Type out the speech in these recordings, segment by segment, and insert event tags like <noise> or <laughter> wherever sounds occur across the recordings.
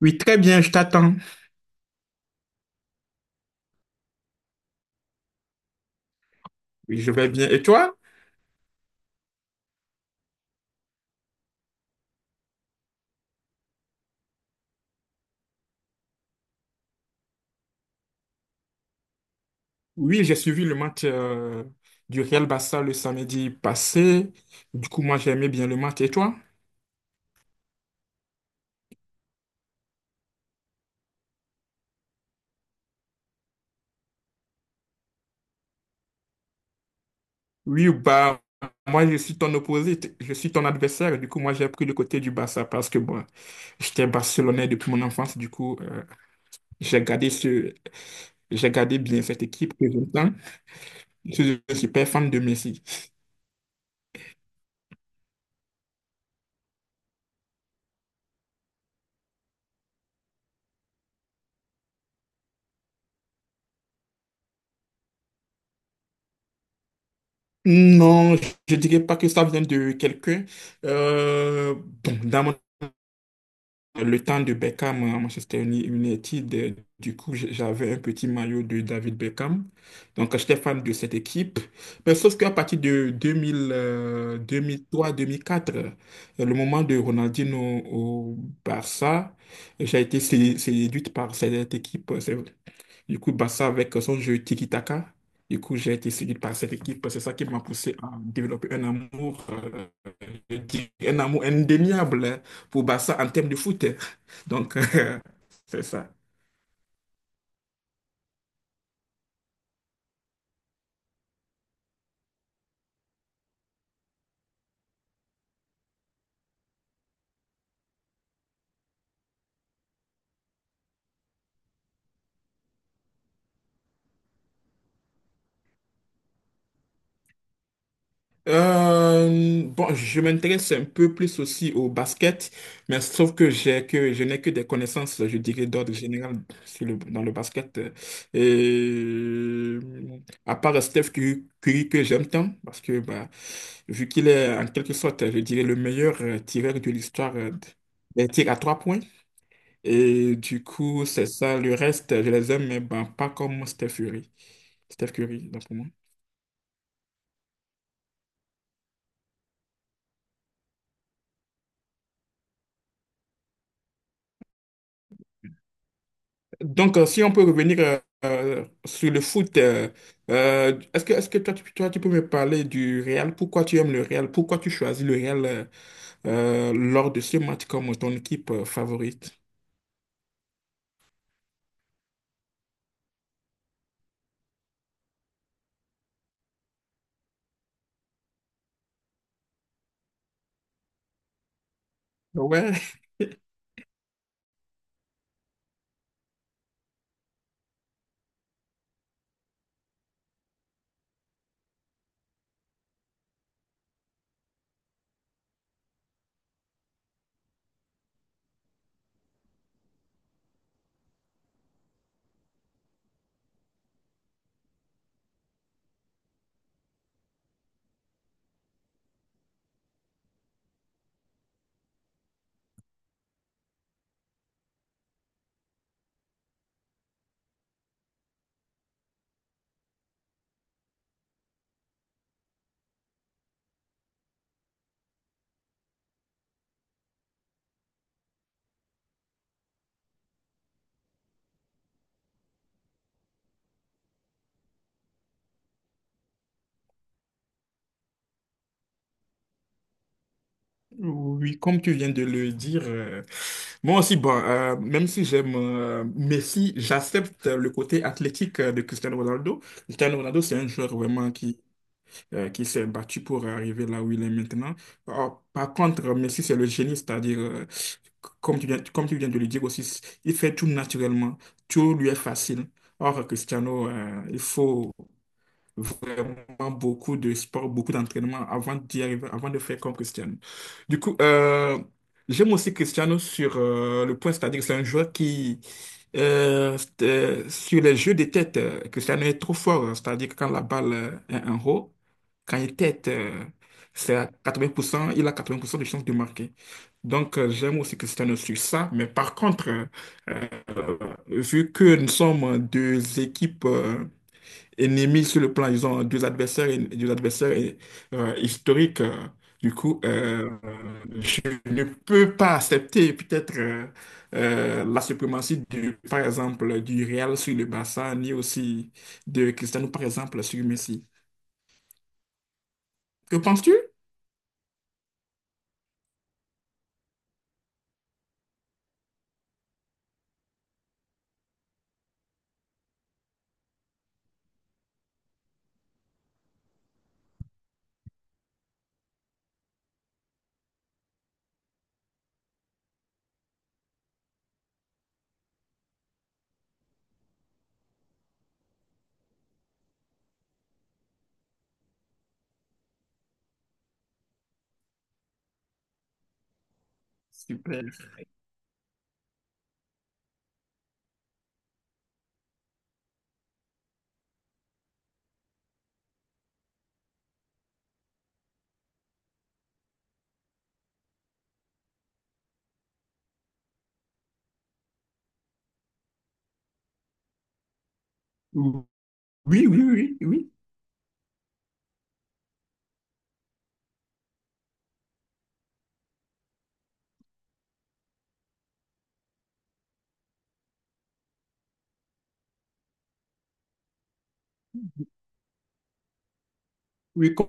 Oui, très bien, je t'attends. Oui, je vais bien. Et toi? Oui, j'ai suivi le match du Real Barça le samedi passé. Du coup, moi, j'aimais bien le match. Et toi? Oui, bah, moi, je suis ton opposé, je suis ton adversaire. Du coup, moi, j'ai pris le côté du Barça parce que, bon, j'étais barcelonais depuis mon enfance. Du coup, j'ai gardé j'ai gardé bien cette équipe que j'aime. Je suis un super fan de Messi. Non, je dirais pas que ça vient de quelqu'un. Euh, bon, dans mon le temps de Beckham à Manchester United, du coup, j'avais un petit maillot de David Beckham. Donc, j'étais fan de cette équipe. Mais sauf qu'à partir de 2000, 2003-2004, le moment de Ronaldinho au Barça, j'ai été séduite par cette équipe. Du coup, Barça avec son jeu tiki-taka. Du coup, j'ai été séduite par cette équipe. C'est ça qui m'a poussé à développer un amour, je dirais un amour indéniable pour Barça en termes de foot. Donc, <laughs> c'est ça. Bon, je m'intéresse un peu plus aussi au basket, mais sauf que j'ai que je n'ai que des connaissances, je dirais, d'ordre général dans le basket. Et à part Steph Curry, Curry que j'aime tant, parce que bah, vu qu'il est en quelque sorte, je dirais, le meilleur tireur de l'histoire des tirs à trois points. Et du coup, c'est ça. Le reste, je les aime, mais bah, pas comme Steph Curry. Steph Curry, donc, pour moi. Donc, si on peut revenir sur le foot, est-ce que, toi, tu peux me parler du Real? Pourquoi tu aimes le Real? Pourquoi tu choisis le Real lors de ce match comme ton équipe favorite? Ouais, <laughs> oui, comme tu viens de le dire, moi aussi, bon, même si j'aime Messi, j'accepte le côté athlétique de Cristiano Ronaldo. Cristiano Ronaldo, c'est un joueur vraiment qui s'est battu pour arriver là où il est maintenant. Or, par contre, Messi, c'est le génie, c'est-à-dire, comme tu viens de le dire aussi, il fait tout naturellement, tout lui est facile. Or, Cristiano, il faut vraiment beaucoup de sport, beaucoup d'entraînement avant d'y arriver, avant de faire comme Cristiano. Du coup, j'aime aussi Cristiano sur le point, c'est-à-dire que c'est un joueur qui, sur les jeux de tête, Cristiano est trop fort, hein, c'est-à-dire que quand la balle est en haut, quand il tête, c'est à 80%, il a 80% de chances de marquer. Donc, j'aime aussi Cristiano sur ça, mais par contre, euh, vu que nous sommes deux équipes. Ennemis sur le plan, ils ont deux adversaires, deux adversaires et, historiques. Du coup, je ne peux pas accepter peut-être la suprématie du, par exemple, du Real sur le Barça, ni aussi de Cristiano, par exemple, sur Messi. Que penses-tu? Super. Oui, oui, oui, oui, oui. Oui,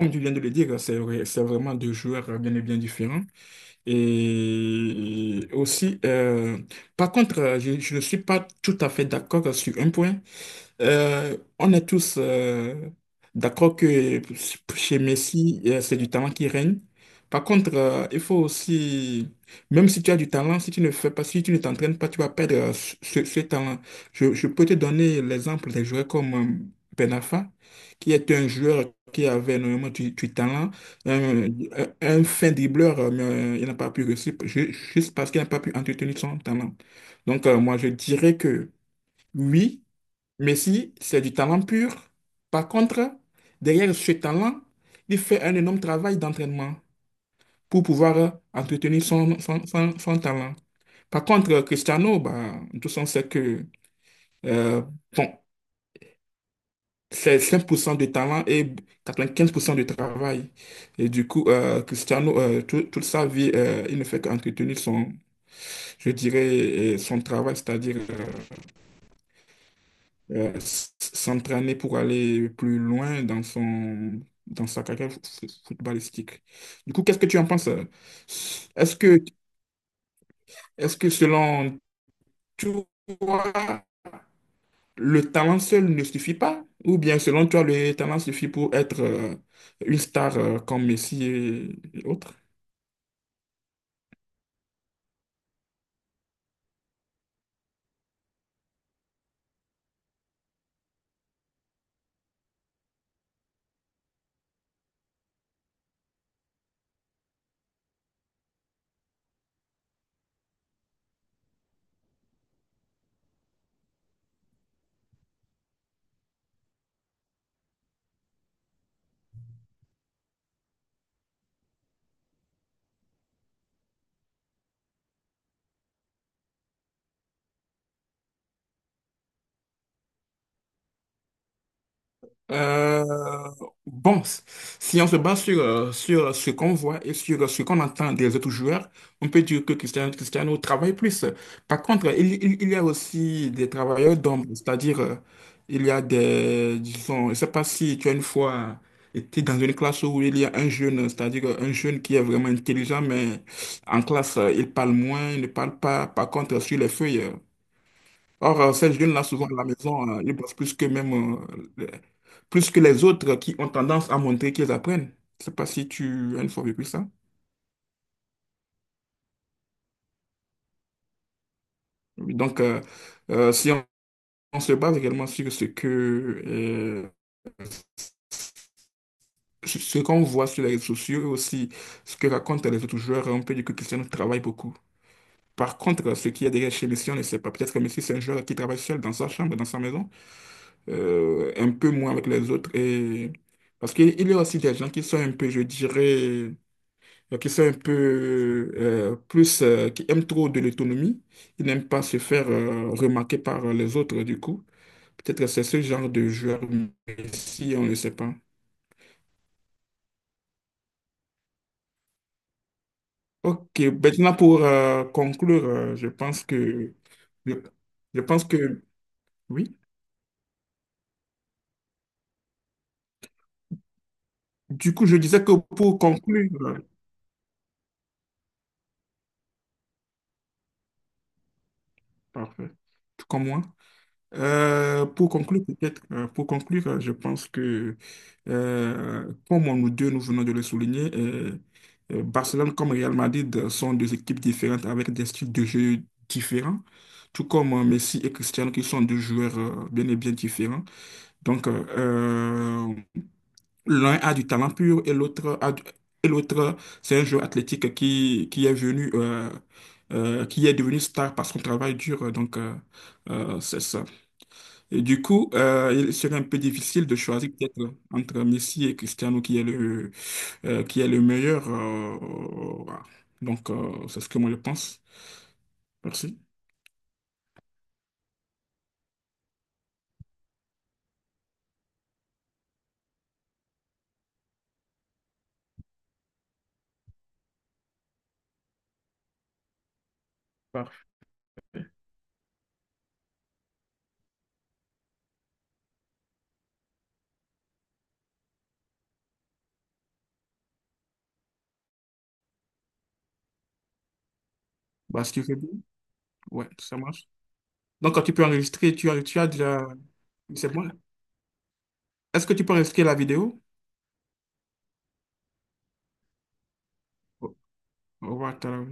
comme tu viens de le dire, c'est vraiment deux joueurs bien et bien différents. Et aussi, par contre, je ne suis pas tout à fait d'accord sur un point. On est tous d'accord que chez Messi, c'est du talent qui règne. Par contre, il faut aussi, même si tu as du talent, si tu ne t'entraînes pas, tu vas perdre ce talent. Je peux te donner l'exemple des joueurs comme Ben Arfa, qui est un joueur qui avait énormément du talent, un, un fin dribbleur, mais il n'a pas pu réussir juste parce qu'il n'a pas pu entretenir son talent. Donc, moi, je dirais que oui. Messi, c'est du talent pur. Par contre, derrière ce talent, il fait un énorme travail d'entraînement pour pouvoir entretenir son talent. Par contre, Cristiano, bah, tous on sait que euh, bon, c'est 5% de talent et 95% de travail. Et du coup, Cristiano, toute sa vie, il ne fait qu'entretenir son, je dirais, son travail, c'est-à-dire s'entraîner pour aller plus loin dans son, dans sa carrière footballistique. Du coup, qu'est-ce que tu en penses? Est-ce que, est-ce que selon toi, le talent seul ne suffit pas? Ou bien selon toi, le talent suffit pour être une star comme Messi et autres? Euh, bon, si on se base sur, ce qu'on voit et sur ce qu'on entend des autres joueurs, on peut dire que Cristiano travaille plus. Par contre, il y a aussi des travailleurs d'ombre, c'est-à-dire, il y a des, disons, je ne sais pas si tu as une fois été dans une classe où il y a un jeune, c'est-à-dire un jeune qui est vraiment intelligent, mais en classe, il parle moins, il ne parle pas. Par contre, sur les feuilles, Or, ces jeunes-là, souvent à la maison, ils bossent plus que même, les- plus que les autres qui ont tendance à montrer qu'ils apprennent. Je sais pas si tu as une fois vécu ça. Oui, donc, si on se base également sur ce que, euh, sur ce qu'on voit sur les réseaux sociaux et aussi ce que racontent les autres joueurs, on peut dire que Cristiano travaille beaucoup. Par contre, ce qu'il y a derrière chez Messi, on ne sait pas. Peut-être que Messi, c'est un joueur qui travaille seul dans sa chambre, dans sa maison, un peu moins avec les autres. Et... Parce qu'il il y a aussi des gens qui sont un peu, je dirais, qui sont un peu plus, qui aiment trop de l'autonomie. Ils n'aiment pas se faire remarquer par les autres, du coup. Peut-être que c'est ce genre de joueur, mais si on ne sait pas. Ok, maintenant pour conclure, je pense que, je, je pense que, oui. Du coup, je disais que pour conclure, parfait, tout comme moi. Pour conclure, peut-être, pour conclure, je pense que, comme nous deux, nous venons de le souligner, Barcelone comme Real Madrid sont deux équipes différentes avec des styles de jeu différents, tout comme Messi et Cristiano qui sont deux joueurs bien et bien différents. Donc, l'un a du talent pur et l'autre, c'est un joueur athlétique qui est venu, qui est devenu star par son travail dur. Donc, c'est ça. Et du coup, il serait un peu difficile de choisir peut-être entre Messi et Cristiano qui est qui est le meilleur. Voilà. Donc, c'est ce que moi je pense. Merci. Parfait. Bah, ce que je dis, ouais, ça marche. Donc, quand tu peux enregistrer, tu as déjà... C'est bon. Est-ce que tu peux enregistrer la vidéo? What,